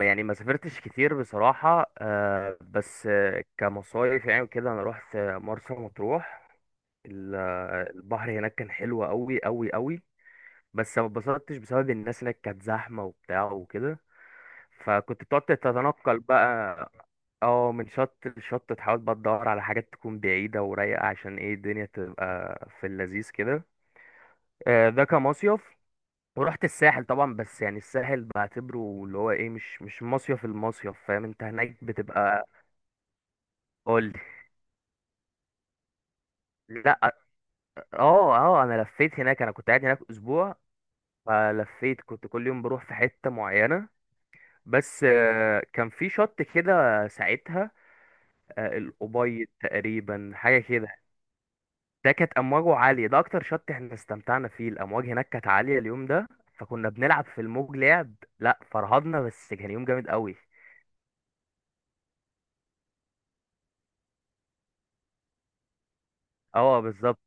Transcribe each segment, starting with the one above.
يعني ما سافرتش كتير بصراحة، بس كمصايف يعني وكده أنا روحت مرسى مطروح. البحر هناك كان حلو أوي أوي أوي. بس ما اتبسطتش بسبب الناس هناك كانت زحمة وبتاع وكده، فكنت بتقعد تتنقل بقى. اه، من شط لشط تحاول بقى تدور على حاجات تكون بعيدة ورايقة، عشان ايه الدنيا تبقى في اللذيذ كده. ده كمصيف. ورحت الساحل طبعا، بس يعني الساحل بعتبره اللي هو ايه، مش مصيف، المصيف فاهم انت هناك بتبقى. قول لي، لا. اه اه، انا لفيت هناك، انا كنت قاعد هناك اسبوع، فلفيت كنت كل يوم بروح في حتة معينة. بس كان في شط كده ساعتها، الأبيض تقريبا حاجة كده. ده كانت أمواجه عالية، ده أكتر شط احنا استمتعنا فيه، الأمواج هناك كانت عالية اليوم ده، فكنا بنلعب في الموج لعب. لا فرهضنا، بس كان يوم جامد قوي. اه بالظبط.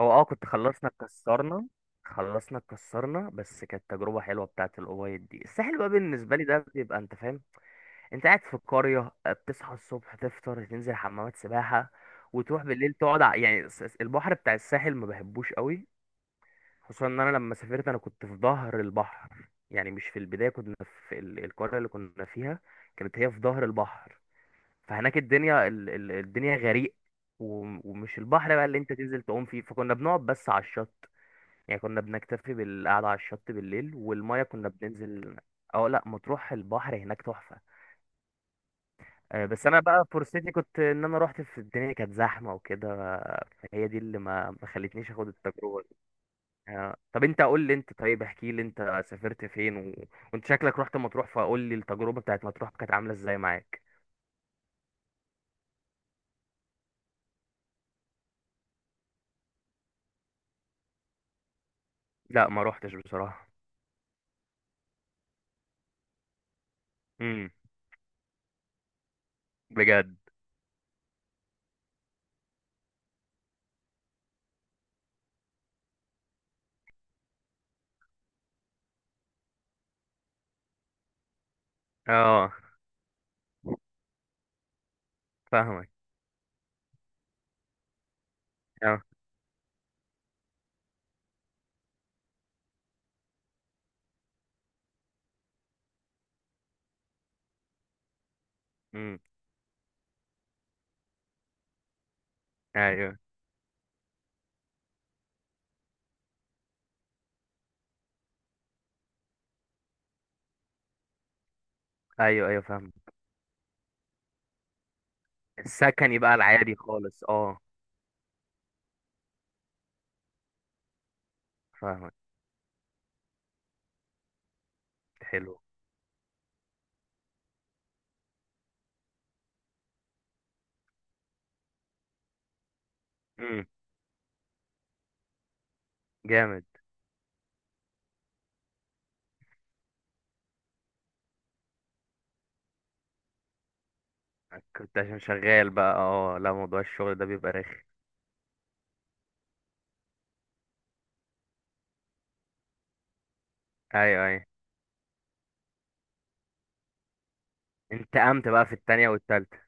هو كنت خلصنا اتكسرنا. خلصنا اتكسرنا، بس كانت تجربة حلوة بتاعت الأبيض دي. الساحل بقى بالنسبة لي ده بيبقى انت فاهم، انت قاعد في القرية، بتصحى الصبح تفطر تنزل حمامات سباحة، وتروح بالليل تقعد يعني البحر بتاع الساحل ما بحبوش قوي. خصوصا ان انا لما سافرت انا كنت في ظهر البحر، يعني مش في البداية، كنا في القرية اللي كنا فيها، كانت هي في ظهر البحر. فهناك الدنيا، الدنيا غريق، ومش البحر بقى اللي انت تنزل تعوم فيه، فكنا بنقعد بس على الشط. يعني كنا بنكتفي بالقعدة على الشط بالليل، والمية كنا بننزل. اه لا، مطروح البحر هناك تحفة. بس انا بقى فرصتي كنت ان انا روحت في الدنيا كانت زحمه وكده، فهي دي اللي ما خلتنيش اخد التجربه دي. طب انت قول لي، انت طيب احكي لي انت سافرت فين وانت شكلك رحت مطروح، فقول لي التجربه بتاعت مطروح كانت عامله ازاي معاك. لا ما روحتش بصراحه. امم. بجد. اه فاهمك. اه. امم. ايوه ايوه ايوه فاهمك. السكني بقى العادي خالص، اه. فاهمك. حلو. امم. جامد. كنت عشان شغال بقى، اه لا، موضوع الشغل ده بيبقى رخي. ايوه ايوه. انتقمت بقى في التانية والتالتة.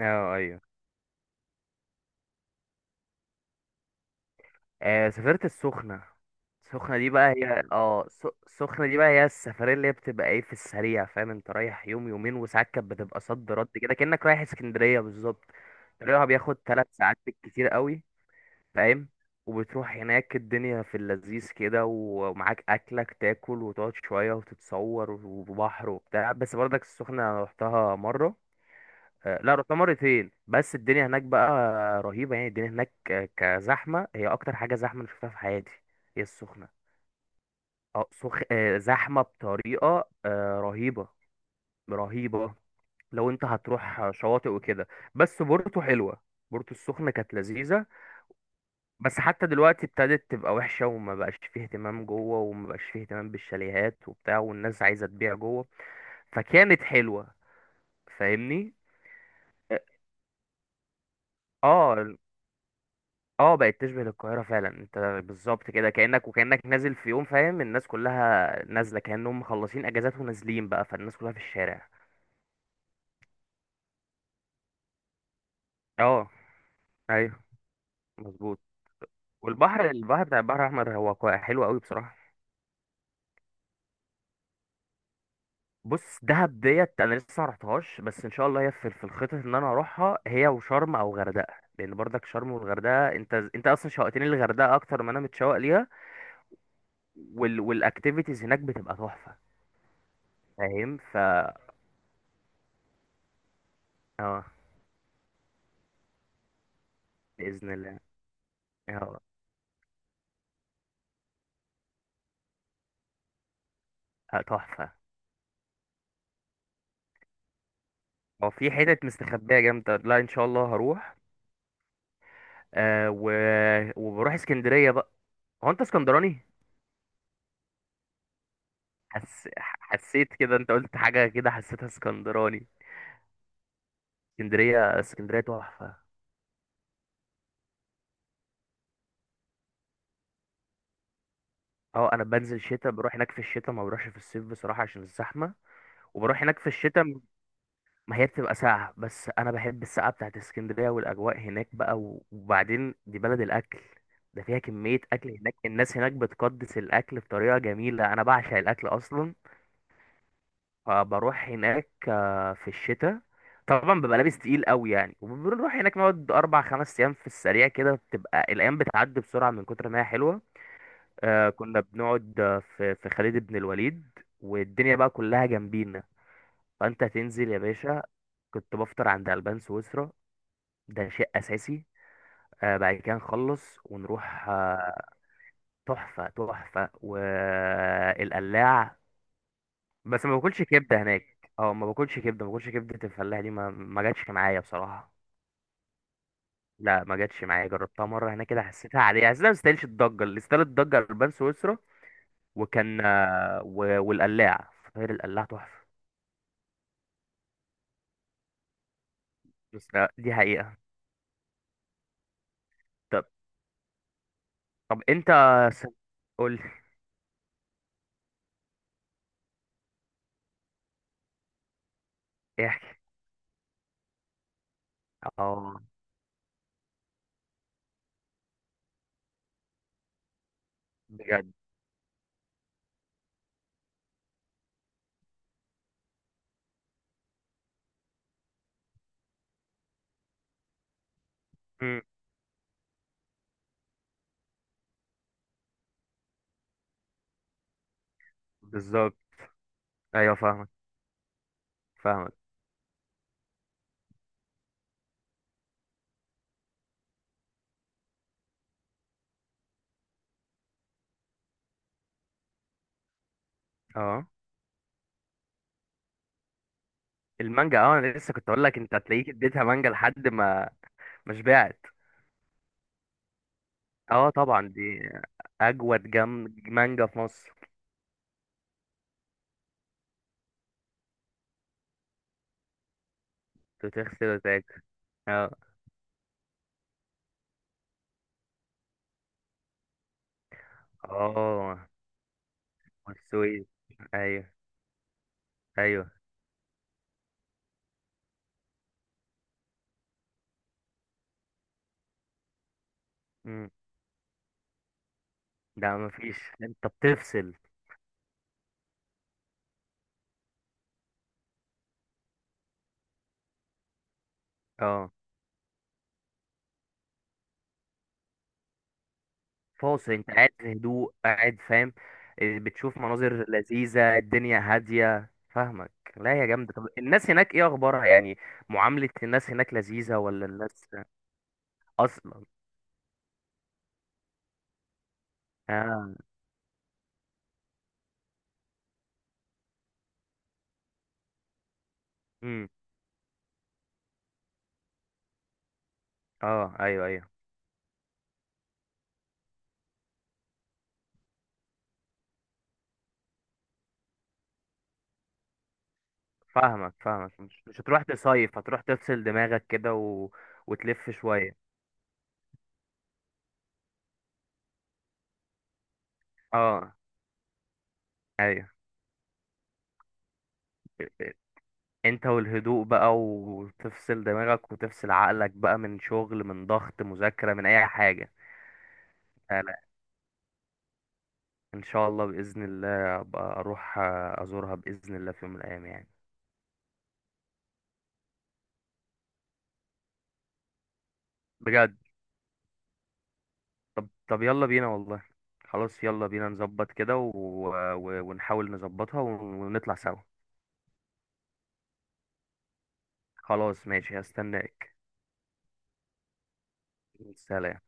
اه ايوه. سافرت السخنة. السخنة دي بقى هي، السخنة دي بقى هي السفرية اللي هي بتبقى ايه في السريع، فاهم؟ انت رايح يوم يومين وساعات، كانت بتبقى صد رد كده كأنك رايح اسكندرية بالظبط. طريقها بياخد 3 ساعات بالكتير قوي، فاهم؟ وبتروح هناك الدنيا في اللذيذ كده، ومعاك أكلك تاكل وتقعد شوية وتتصور وبحر وبتاع، بس برضك السخنة رحتها مرة. لا، رحت مرتين، بس الدنيا هناك بقى رهيبة. يعني الدنيا هناك كزحمة، هي أكتر حاجة زحمة أنا شفتها في حياتي هي السخنة. اه، سخ... آه، زحمة بطريقة رهيبة. رهيبة. لو أنت هتروح شواطئ وكده، بس بورتو حلوة. بورتو السخنة كانت لذيذة، بس حتى دلوقتي ابتدت تبقى وحشة، وما بقاش فيه اهتمام جوه، وما بقاش فيه اهتمام بالشاليهات وبتاع، والناس عايزة تبيع جوه. فكانت حلوة، فاهمني. اه. آه، اه بقت تشبه القاهرة فعلا انت، بالظبط كده كأنك وكأنك نازل في يوم، فاهم؟ الناس كلها نازلة كأنهم مخلصين اجازات ونازلين بقى، فالناس كلها في الشارع. اه ايوه مظبوط. والبحر بتاع البحر الاحمر هو حلو قوي بصراحة. بص، دهب ديت انا لسه ما رحتهاش، بس ان شاء الله هي في الخطط ان انا اروحها، هي وشرم او غردقة، لان برضك شرم والغردقة، انت اصلا شوقتني للغردقة اكتر ما انا متشوق ليها. والاكتيفيتيز هناك بتبقى تحفة. فاهم، اه. بإذن الله. اه. تحفة. هو في حتت مستخبية جامدة، لا ان شاء الله هروح. آه و... وبروح اسكندرية بقى. هو انت اسكندراني؟ حسيت كده، انت قلت حاجة كده حسيتها اسكندراني. اسكندرية اسكندرية تحفة. اه، انا بنزل شتاء، بروح هناك في الشتاء، ما بروحش في الصيف بصراحة عشان الزحمة. وبروح هناك في الشتاء. ما هي بتبقى ساقعة، بس انا بحب السقعة بتاعت اسكندرية والاجواء هناك بقى، وبعدين دي بلد الاكل، ده فيها كمية أكل هناك، الناس هناك بتقدس الأكل بطريقة جميلة، أنا بعشق الأكل أصلا. فبروح هناك في الشتاء، طبعا ببقى لابس تقيل قوي يعني، وبنروح هناك نقعد 4 5 ايام في السريع كده، بتبقى الايام بتعدي بسرعه من كتر ما هي حلوه. كنا بنقعد في خالد بن الوليد، والدنيا بقى كلها جنبينا، فانت تنزل يا باشا. كنت بفطر عند البان سويسرا، ده شيء اساسي. بعد كده نخلص ونروح، تحفه تحفه والقلاع. بس ما باكلش كبده هناك، ما باكلش كبده، الفلاح دي ما جاتش معايا بصراحه. لا ما جاتش معايا، جربتها مره هناك كده، حسيتها عاديه، حسيتها ما تستاهلش الضجه، اللي استاهل الضجه البان سويسرا. وكان، والقلاع فطير القلاع تحفه. بس لا، دي حقيقه. طب طب انت، س- قول لي ايه، احكي. اه بجد. مم. بالظبط. ايوه فاهمك فاهمك. اه. المانجا، انا لسه كنت اقول لك انت هتلاقيك اديتها مانجا لحد ما ما شبعت. اه طبعا دي اجود جم مانجا في مصر. بتغسل وتاكل. اه اه. والسويد. ايوه ايوه. امم. ده مفيش، انت بتفصل. اه. فاصل، انت قاعد في هدوء، قاعد فاهم. إيه، بتشوف مناظر لذيذة، الدنيا هادية فاهمك. لا يا جامدة، طب الناس هناك ايه اخبارها يعني؟ معاملة الناس هناك لذيذة ولا الناس اصلا؟ اه. امم. اه ايوه ايوه فاهمك فاهمك. مش هتروح تصيف، هتروح تفصل دماغك كده وتلف شوية. اه ايوه. انت والهدوء بقى، وتفصل دماغك وتفصل عقلك بقى من شغل، من ضغط، مذاكرة، من اي حاجة. لا لا. ان شاء الله بإذن الله ابقى اروح، ازورها بإذن الله في يوم من الايام يعني. بجد. طب طب يلا بينا والله. خلاص يلا بينا نظبط كده ونحاول نظبطها ونطلع سوا. خلاص ماشي هستناك. سلام.